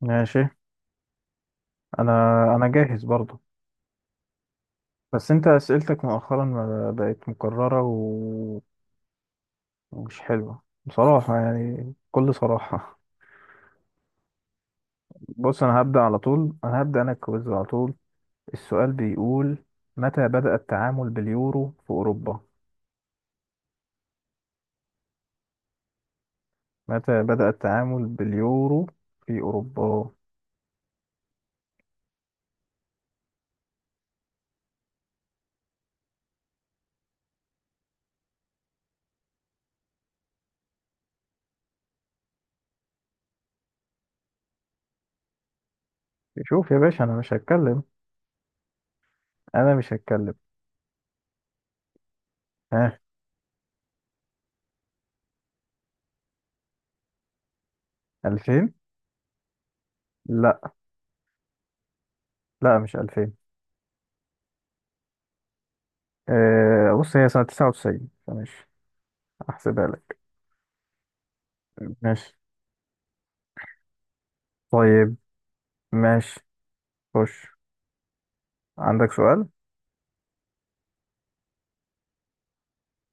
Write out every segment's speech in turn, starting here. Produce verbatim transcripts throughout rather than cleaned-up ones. ماشي. انا انا جاهز برضه. بس انت اسئلتك مؤخرا ما بقت مكررة و- ومش حلوة بصراحة، يعني بكل صراحة. بص، انا هبدأ على طول انا هبدأ انا الكويز على طول. السؤال بيقول: متى بدأ التعامل باليورو في اوروبا؟ متى بدأ التعامل باليورو في اوروبا؟ شوف يا باشا، انا مش هتكلم انا مش هتكلم. ها. ألفين. لا لا، مش ألفين. أه، بص هي سنة تسعة وتسعين، فمش هحسبها لك. ماشي. طيب. ماشي. خش. عندك سؤال.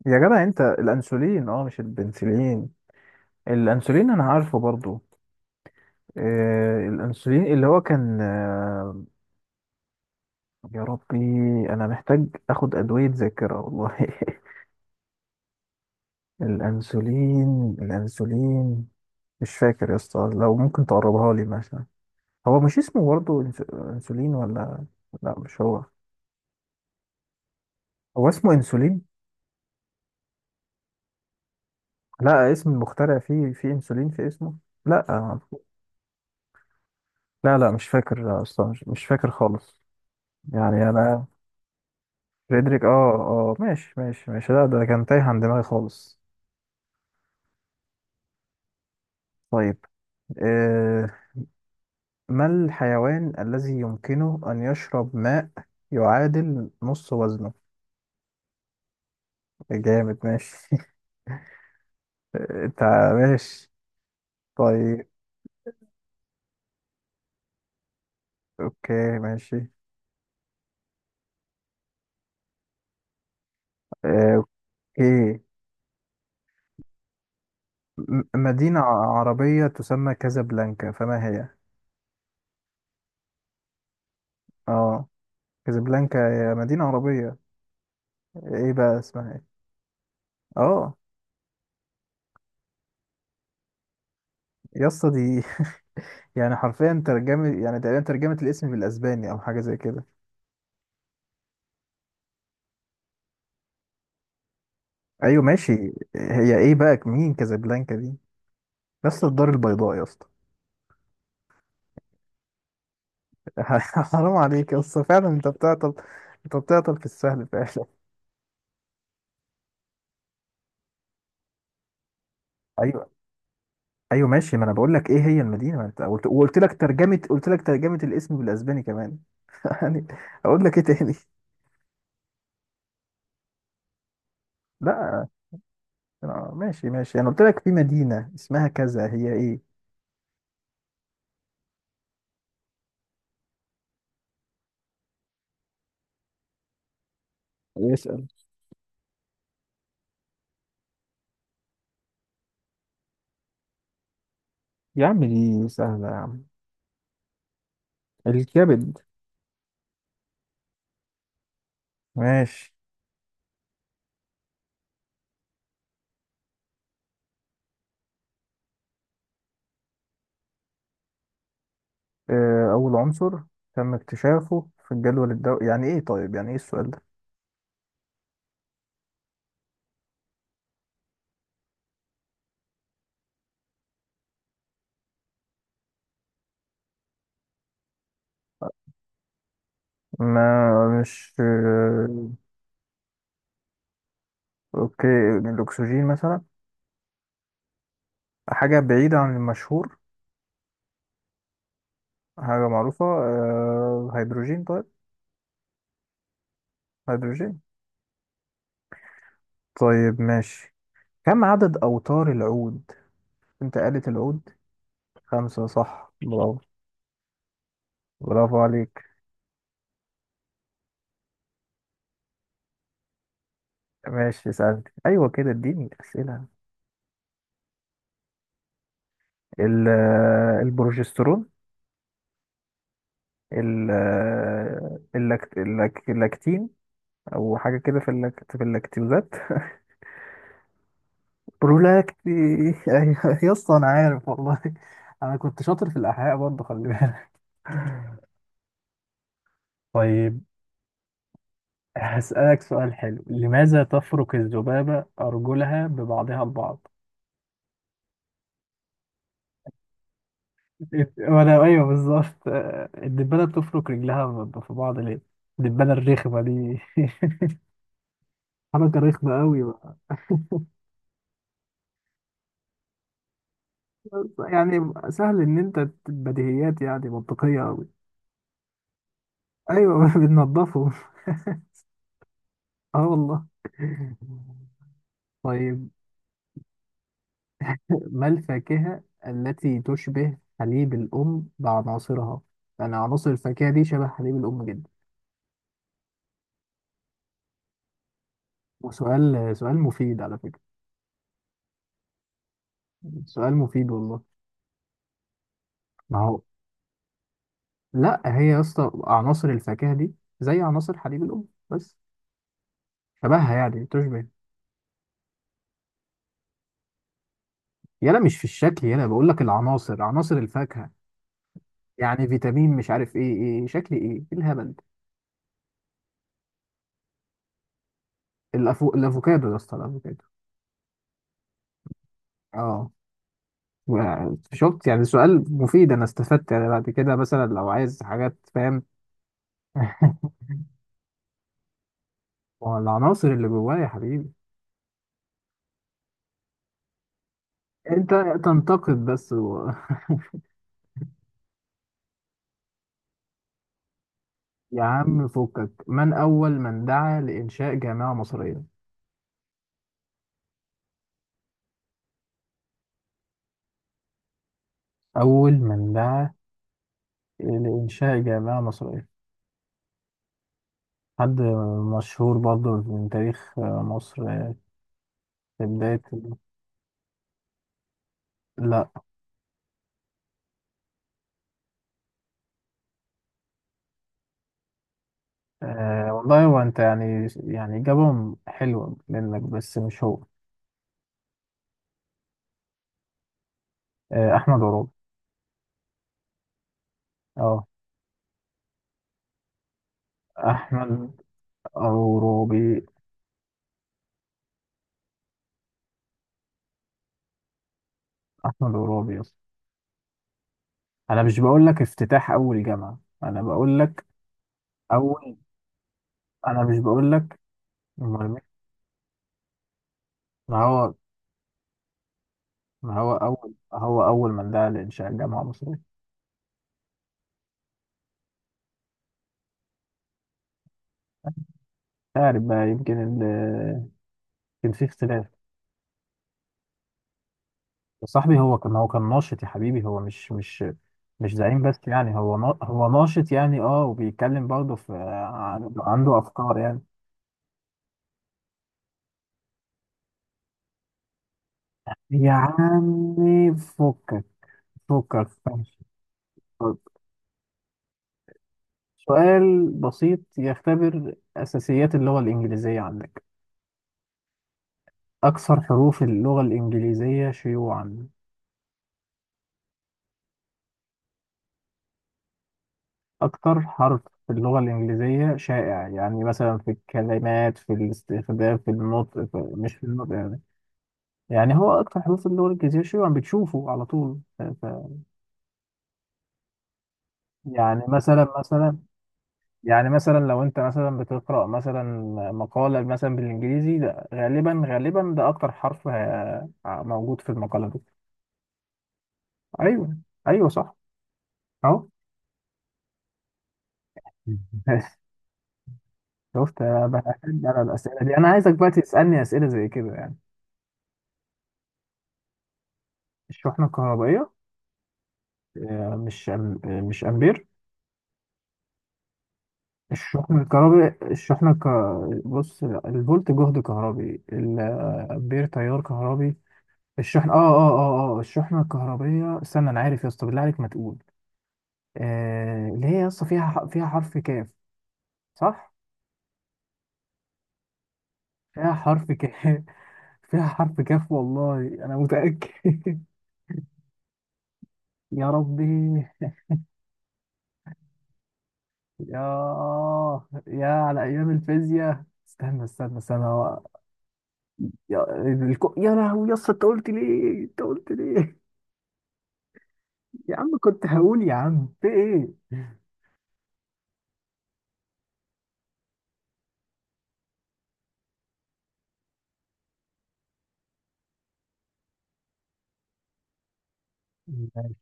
يا جدع انت الانسولين، اه مش البنسلين. الانسولين انا عارفه برضو. آه الانسولين اللي هو كان آه يا ربي، انا محتاج اخد ادوية ذاكرة والله. الانسولين الانسولين مش فاكر يا اسطى، لو ممكن تقربها لي مثلا. هو مش اسمه برضو إنس- انسولين ولا؟ لا مش هو. هو اسمه انسولين. لا، اسم المخترع فيه، في انسولين في اسمه. لا. لا لا مش فاكر اصلا، مش, مش فاكر خالص. يعني انا. فريدريك، اه اه ماشي ماشي ماشي، لا ده كان تايه عن دماغي خالص. طيب. آه ما الحيوان الذي يمكنه ان يشرب ماء يعادل نص وزنه؟ جامد، ماشي. انت. ماشي. طيب. اوكي ماشي. آه اوكي. م- مدينة ع- عربية تسمى كازابلانكا، فما هي؟ اه، كازابلانكا هي مدينة عربية، ايه بقى اسمها ايه؟ اه. يا اسطى دي يعني حرفيا ترجمة، يعني تقريبا ترجمة الاسم بالاسباني او حاجة زي كده. ايوه ماشي. هي ايه بقى، مين كازابلانكا دي؟ يا اسطى الدار البيضاء يا اسطى. حرام عليك يا اسطى، فعلا انت بتعطل. انت بتعطل في السهل فعلا. ايوه. ايوه ماشي، ما انا بقول لك ايه هي المدينة، ما انت قلت، وقلت لك ترجمة، قلت لك ترجمة الاسم بالاسباني كمان. يعني اقول لك ايه تاني. لا، آه، ماشي ماشي، انا قلت لك في مدينة اسمها كذا، هي ايه؟ اسأل. يا عم دي سهلة يا عم، الكبد. ماشي. آه، أول عنصر تم اكتشافه في الجدول الدوري، يعني إيه؟ طيب يعني إيه السؤال ده؟ ما مش آه، أوكي. يعني الأكسجين مثلا؟ حاجة بعيدة عن المشهور. حاجة معروفة، آه، هيدروجين طيب. هيدروجين. طيب ماشي. كم عدد أوتار العود؟ أنت قالت العود. خمسة صح، برافو. برافو عليك. ماشي، سألت، أيوة كده، اديني أسئلة. ال- آه، البروجسترون. ال- آه، اللاكت- اللاك- اللاكتين، او حاجه كده في اللك... في اللاكتوزات. برولاكتي. ايوه يا اسطى انا عارف والله، انا كنت شاطر في الاحياء برضه، خلي بالك. طيب، هسألك سؤال حلو: لماذا تفرك الذبابة أرجلها ببعضها البعض؟ إت- وأنا أيوه بالظبط، آه، الدبانة بتفرك رجلها ب- في بعض ليه؟ الدبانة الرخمة دي. حركه رخمه قوي بقى. يعني سهل ان انت ت- بديهيات، يعني منطقيه قوي. ايوه بننضفه. اه والله. طيب، ما الفاكهة التي تشبه حليب الأم بعناصرها؟ يعني عناصر الفاكهة دي شبه حليب الأم جدا. وسؤال سؤال مفيد على فكرة. سؤال مفيد والله. ما هو، لا هي يا اسطى عناصر الفاكهة دي زي عناصر حليب الأم بس، شبهها يعني، تشبه. يلا مش في الشكل، يلا بقول لك العناصر، عناصر الفاكهة، يعني فيتامين مش عارف ايه، ايه شكل، ايه إيه الهبل ده؟ الأفو... الافوكادو يا اسطى، الافوكادو. اه. شفت يعني، سؤال مفيد، انا استفدت يعني، بعد كده مثلا لو عايز حاجات، فاهم. والعناصر اللي جوايا يا حبيبي. انت تنتقد بس و... يا عم فكك. من اول من دعا لانشاء جامعة مصرية؟ اول من دعا لانشاء جامعة مصرية، حد مشهور برضه من تاريخ مصر في بداية. لا. أه والله هو، انت يعني، يعني إجابة حلوة منك، بس مش هو. أه، احمد عرابي. اه. احمد عروبي. احمد عروبي يا اسطى. انا مش بقول لك افتتاح اول جامعه، انا بقول لك اول. انا مش بقول لك. أمال مين؟ ما هو. ما هو اول، هو اول من دعا لانشاء جامعه مصريه مش. عارف بقى يمكن ال- كان في اختلاف. يا صاحبي هو كان هو كان ناشط يا حبيبي، هو مش مش مش زعيم بس يعني، هو نا- هو ناشط يعني، اه وبيتكلم برضه في، عن- عنده افكار يعني. يا عمي فكك. فكك ماشي. سؤال بسيط يختبر أساسيات اللغة الإنجليزية عندك: أكثر حروف اللغة الإنجليزية شيوعا. أكثر حرف في اللغة الإنجليزية شائع، يعني مثلا في الكلمات، في الاستخدام، في النطق، في مش في النطق يعني. يعني هو أكثر حروف في اللغة الإنجليزية شيوعا، بتشوفه على طول ف... ف... يعني مثلا مثلا، يعني مثلا لو أنت مثلا بتقرأ مثلا مقالة مثلا بالإنجليزي، ده غالبا غالبا ده أكثر حرف آه، موجود في المقالة دي. أيوه. ايوه صح. اهو. ماشي. شفت بقى، أحب على الأسئلة دي، أنا عايزك بقى تسألني أسئلة زي كده يعني. الشحنة الكهربائية. آه، مش أم- آه، مش أمبير. الشحن الكهربي، الشحنة ك... بص، الفولت جهد كهربي، الأمبير تيار كهربي، الشحن آه آه آه آه الشحنة الكهربية. استنى أنا عارف يا اسطى، بالله عليك ما تقول. آه... اللي هي يا اسطى فيها ح- فيها حرف كاف، صح؟ فيها حرف كاف. فيها حرف كاف والله، أنا متأكد. يا ربي، يا آه يا على أيام الفيزياء، استنى استنى استنى هو. يا الكو... يا لهوي يا اسطى، أنت قلت ليه؟ أنت قلت ليه؟ يا عم كنت هقول، يا عم في إيه؟ ماشي.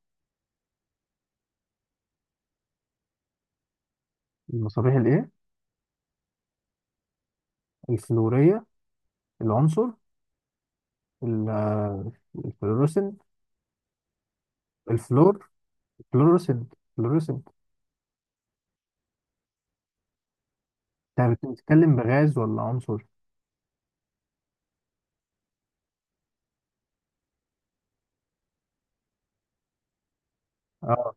المصابيح الإيه؟ الفلورية. العنصر. ال- آه، الفلوروسنت. الفلور. الفلوروسنت. الفلوروسنت. أنت بتتكلم بغاز ولا عنصر؟ آه.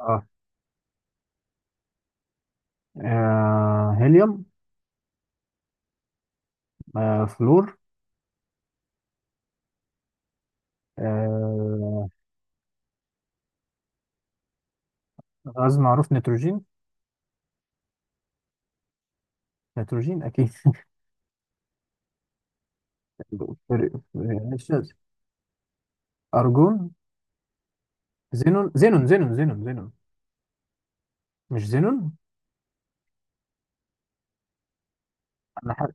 آه, آه. هيليوم. آه. فلور. آه. غاز معروف، نيتروجين. نيتروجين أكيد. فريق فريق الشاذ. أرجون. زينون زينون زينون زينون زينون. مش زينون. أنا حق...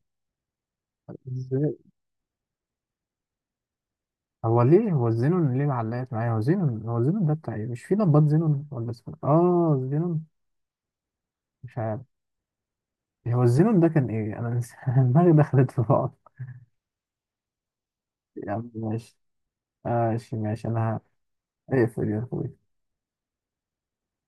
هو ليه، هو الزينون ليه معلقت معايا، هو زينون، هو زينون ده بتاع إيه، مش في نبات زينون، ولا اسمه آه زينون؟ مش عارف. هو الزينون ده كان إيه؟ أنا نس- دماغي دخلت في بعض. يا عم ماشي، ماشي ماشي أنا. هقفل يا أخوي.